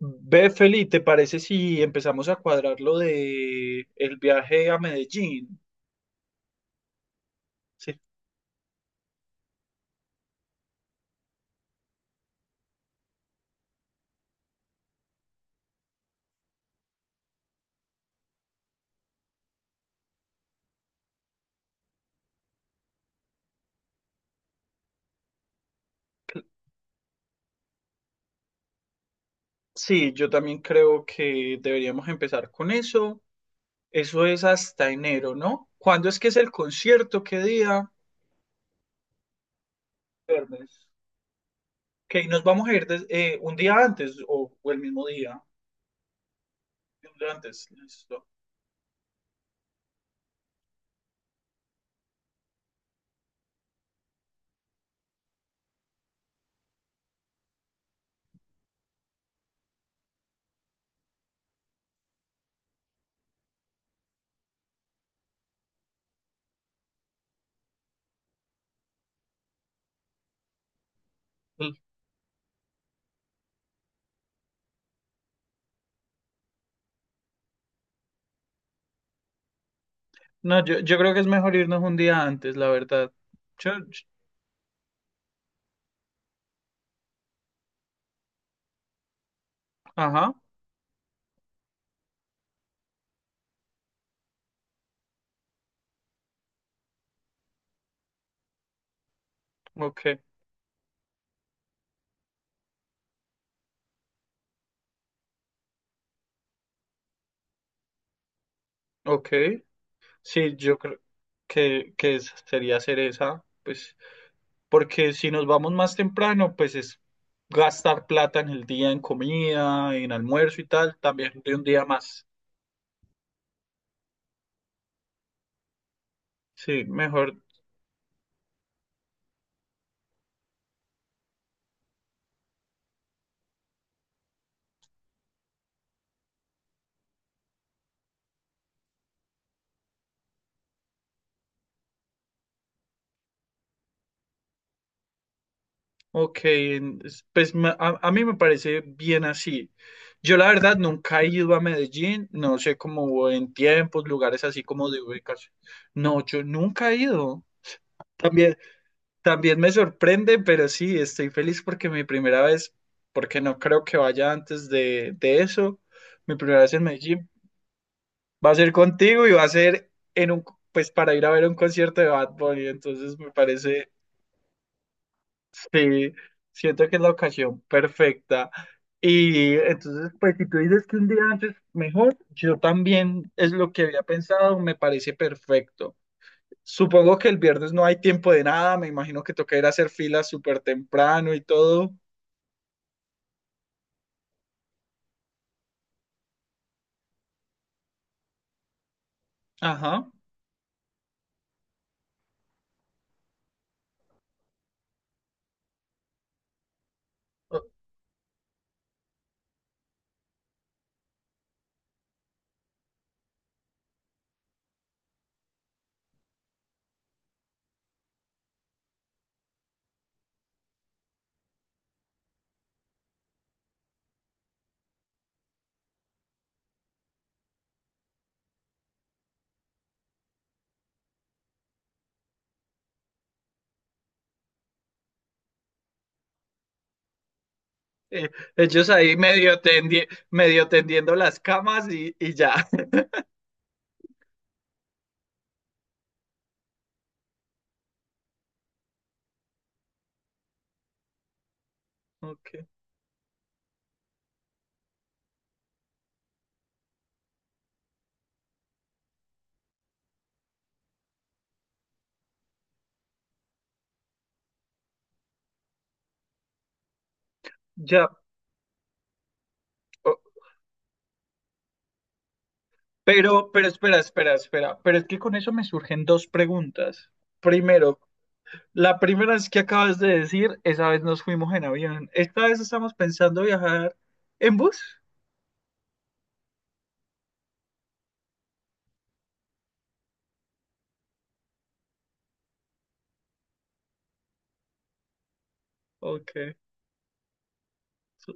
Ve, Feli, ¿te parece si empezamos a cuadrar lo de el viaje a Medellín? Sí. Sí, yo también creo que deberíamos empezar con eso. Eso es hasta enero, ¿no? ¿Cuándo es que es el concierto? ¿Qué día? Viernes. Ok, nos vamos a ir un día antes o el mismo día. Un día antes, listo. Mm. No, yo creo que es mejor irnos un día antes, la verdad. Yo- yo- ajá, ok, ok. Sí, yo creo que sería hacer esa, pues, porque si nos vamos más temprano, pues es gastar plata en el día, en comida, en almuerzo y tal, también de un día más. Sí, mejor. Ok, pues a mí me parece bien así. Yo la verdad nunca he ido a Medellín, no sé cómo en tiempos, lugares así como de ubicación. No, yo nunca he ido. También. También me sorprende, pero sí, estoy feliz porque mi primera vez, porque no creo que vaya antes de eso, mi primera vez en Medellín va a ser contigo y va a ser en un, pues para ir a ver un concierto de Bad Bunny, entonces me parece, sí, siento que es la ocasión perfecta. Y entonces, pues si tú dices que un día antes mejor, yo también es lo que había pensado, me parece perfecto. Supongo que el viernes no hay tiempo de nada, me imagino que toca ir a hacer filas súper temprano y todo. Ajá. Eh, ellos ahí medio tendiendo las camas y ya. Ok, ya. O- pero espera, espera, espera. Pero es que con eso me surgen dos preguntas. Primero, la primera es que acabas de decir, esa vez nos fuimos en avión. ¿Esta vez estamos pensando viajar en bus? Ok. So,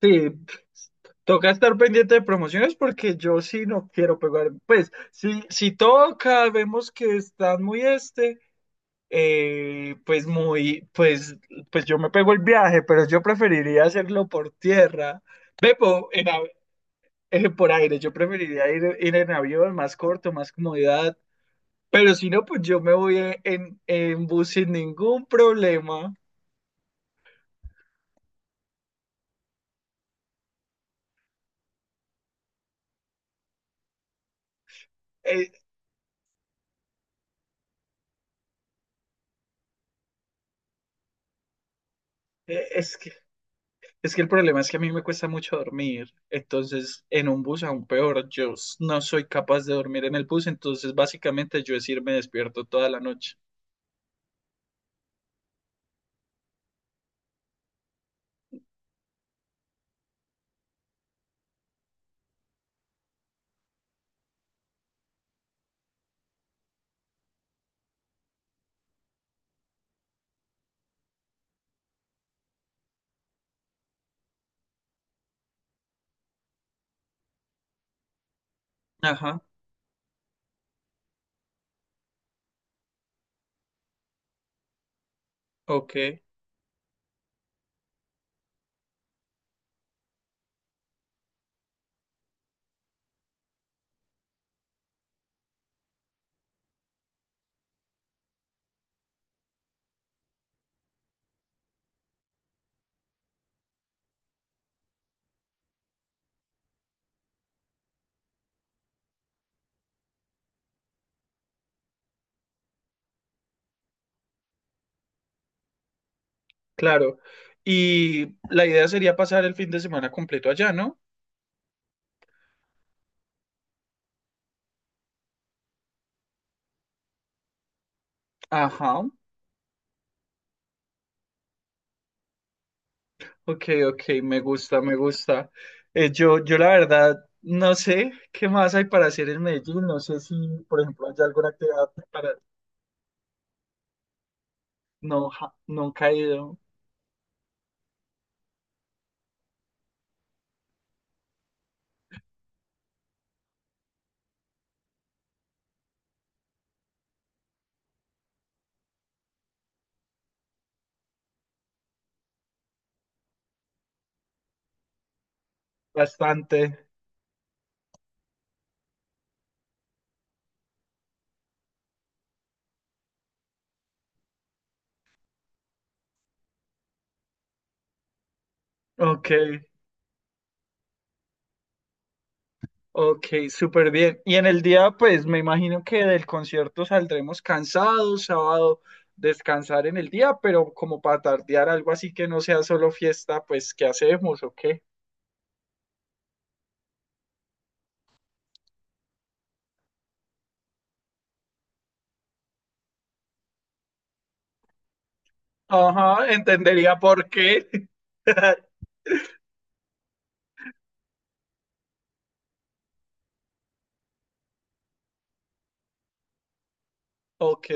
sí, pues, toca estar pendiente de promociones porque yo sí no quiero pegar. Pues, si, si toca, vemos que están muy este, pues muy, pues, pues yo me pego el viaje, pero yo preferiría hacerlo por tierra. Ve po- en av- por aire, yo preferiría ir en avión, más corto, más comodidad. Pero si no, pues yo me voy en, bus sin ningún problema. Eh, es que es que el problema es que a mí me cuesta mucho dormir, entonces en un bus aún peor, no soy capaz de dormir en el bus, entonces básicamente yo es irme despierto toda la noche. Ajá, ok, claro. Y la idea sería pasar el fin de semana completo allá, ¿no? Ajá, ok, ok, me gusta, me gusta. Yo la verdad no sé qué más hay para hacer en Medellín, no sé si, por ejemplo, hay alguna actividad para... No, ja- nunca he ido, bastante. Ok. Ok, súper bien. Y en el día, pues me imagino que del concierto saldremos cansados, sábado descansar en el día, pero como para tardear algo así que no sea solo fiesta, pues ¿qué hacemos o qué? Ajá, entendería por qué. Ok,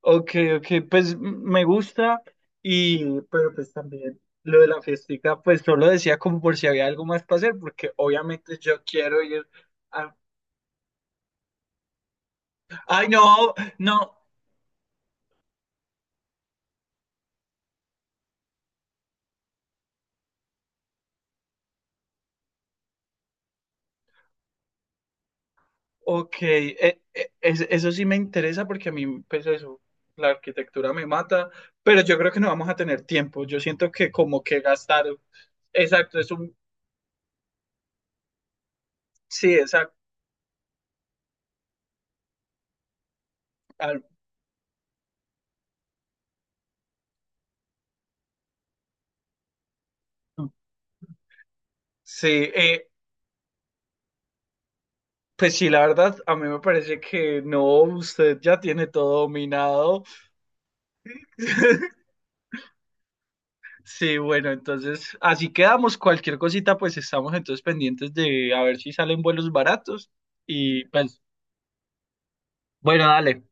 ok, ok, pues me gusta y, pero pues también lo de la fiestica, pues solo decía como por si había algo más para hacer, porque obviamente yo quiero ir a... Ay, no, no. Ok, eso sí me interesa porque a mí, pues eso, la arquitectura me mata, pero yo creo que no vamos a tener tiempo. Yo siento que como que gastar, exacto, es un, sí, exacto, sí, eh, pues sí, la verdad, a mí me parece que no, usted ya tiene todo dominado. Sí, bueno, entonces así quedamos. Cualquier cosita, pues estamos entonces pendientes de a ver si salen vuelos baratos y pues, bueno, dale.